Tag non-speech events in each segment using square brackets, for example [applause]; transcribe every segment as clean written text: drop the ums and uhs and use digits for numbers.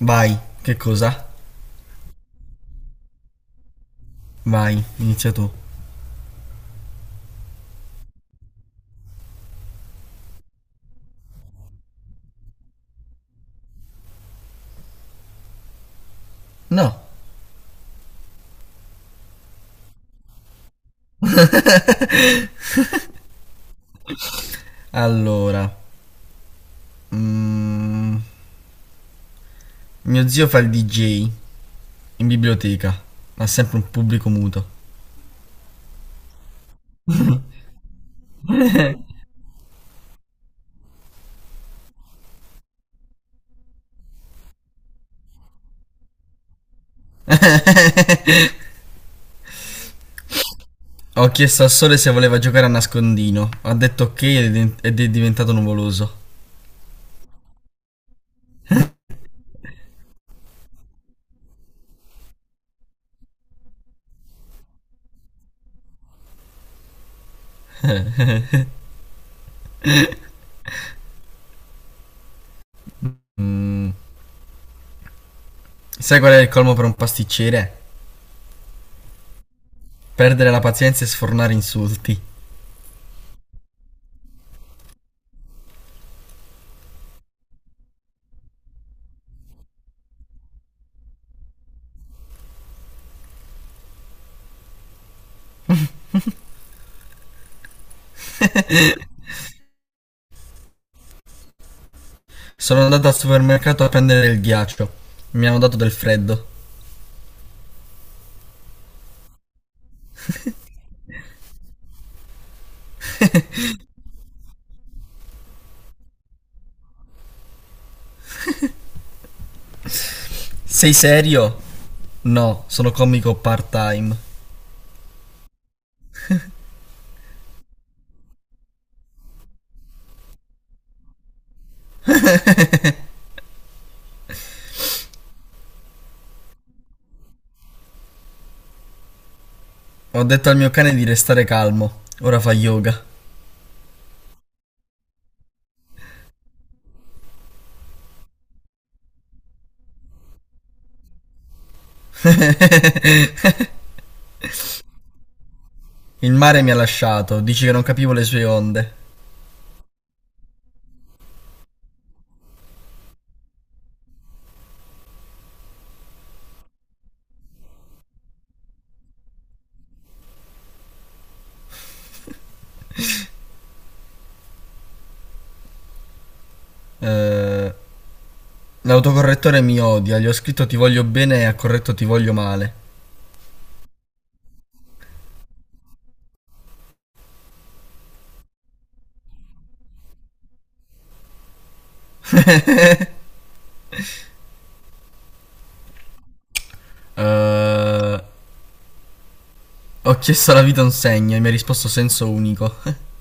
Vai, che cosa? Vai, inizia tu. No. Allora, mm, mio zio fa il DJ in biblioteca, ha sempre un pubblico muto. Ho chiesto al sole se voleva giocare a nascondino, ha detto ok ed è diventato nuvoloso. Sai qual è il colmo per un pasticcere? Perdere la pazienza e sfornare insulti. Sono andato al supermercato a prendere il ghiaccio, mi hanno dato del freddo. Sei serio? No, sono comico part-time. Ho detto al mio cane di restare calmo. Ora fa yoga. Il mare mi ha lasciato, dici che non capivo le sue onde. Eh, l'autocorrettore mi odia, gli ho scritto ti voglio bene e ha corretto ti voglio male. Eh, ho chiesto alla vita un segno e mi ha risposto senso unico. [laughs]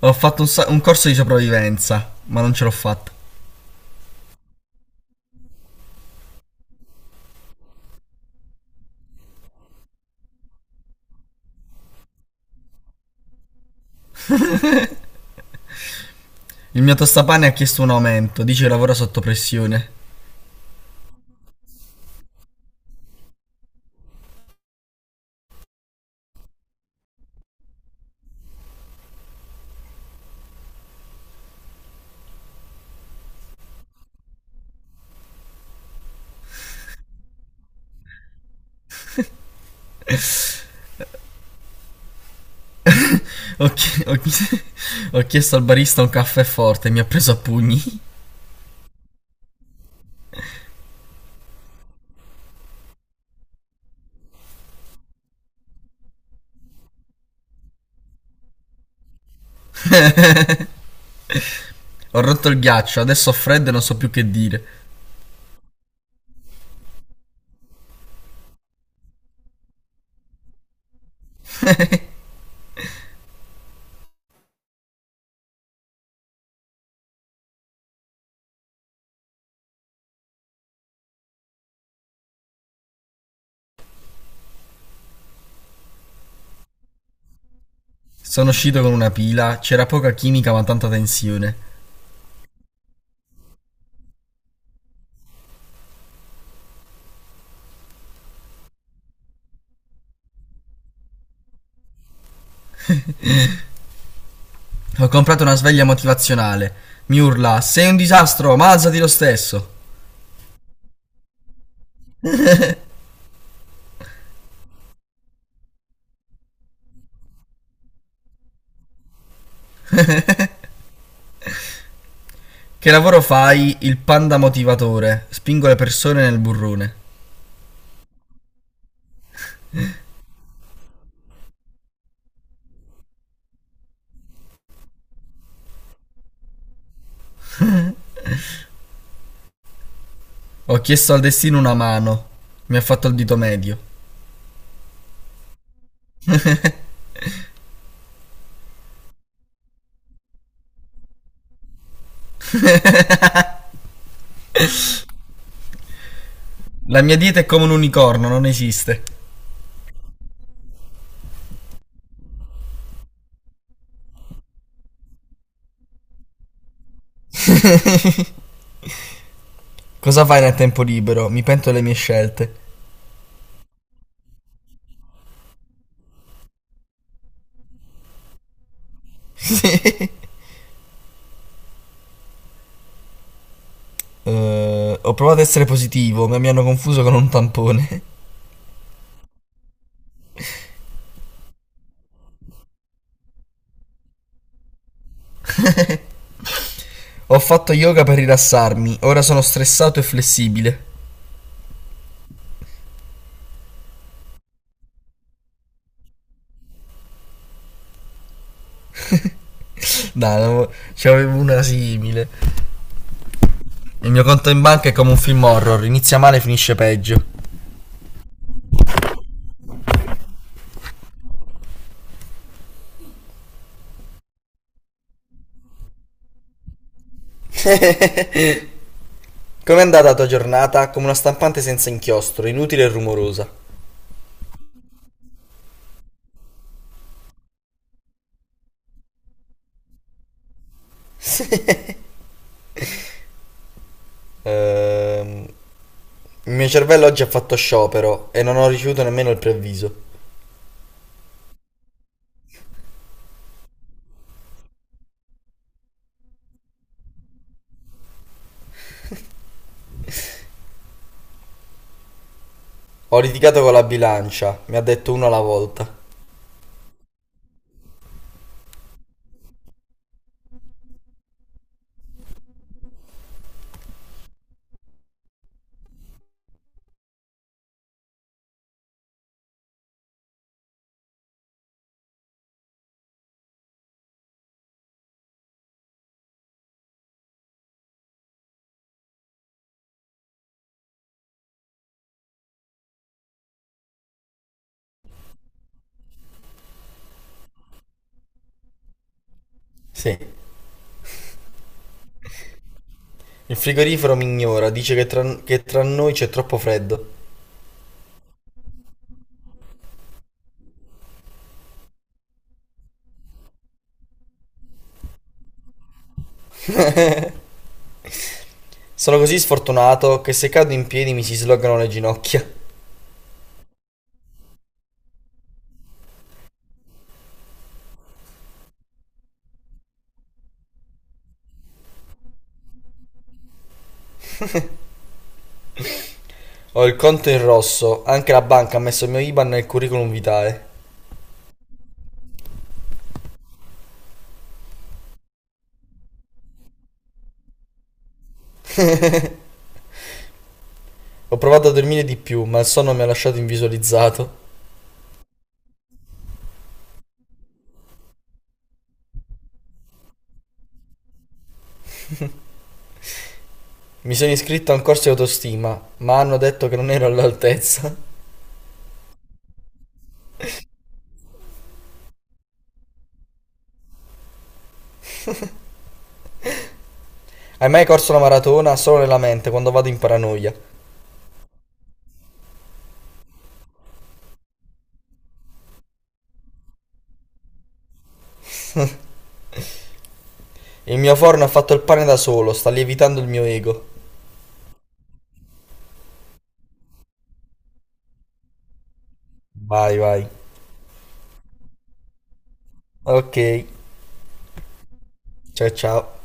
Ho fatto un corso di sopravvivenza, ma non ce l'ho fatta. Il mio tostapane ha chiesto un aumento, dice che lavora sotto pressione. Ho, chi- ho chi- [laughs] ho chiesto al barista un caffè forte e mi ha preso a pugni. Ho rotto il ghiaccio, adesso ho freddo e non so più che dire. Sono uscito con una pila, c'era poca chimica ma tanta tensione. Ho comprato una sveglia motivazionale. Mi urla: sei un disastro, ma alzati lo stesso. Che lavoro fai? Il panda motivatore. Spingo le persone nel burrone. Ho chiesto al destino una mano. Mi ha fatto il dito medio. La mia dieta è come un unicorno, non esiste. Cosa fai nel tempo libero? Mi pento delle mie scelte. Ho provato a essere positivo, ma mi hanno confuso con un tampone. Ho fatto yoga per rilassarmi, ora sono stressato e flessibile. Dai, no, ce n'avevo una simile. Il mio conto in banca è come un film horror, inizia male e finisce peggio. Com'è andata la tua giornata? Come una stampante senza inchiostro, inutile e rumorosa. Sì. [laughs] Ehm, il mio cervello oggi ha fatto sciopero e non ho ricevuto nemmeno il preavviso. Ho litigato con la bilancia, mi ha detto uno alla volta. Sì. Il frigorifero mi ignora, dice che tra noi c'è troppo freddo. Sono così sfortunato che se cado in piedi mi si slogano le ginocchia. Ho il conto in rosso, anche la banca ha messo il mio IBAN nel curriculum vitale. Ho provato a dormire di più, ma il sonno mi ha lasciato invisualizzato. Mi sono iscritto a un corso di autostima, ma hanno detto che non ero all'altezza. Hai mai corso la maratona solo nella mente quando vado in paranoia? Il mio forno ha fatto il pane da solo, sta lievitando il mio ego. Vai, vai. Ok, ciao ciao.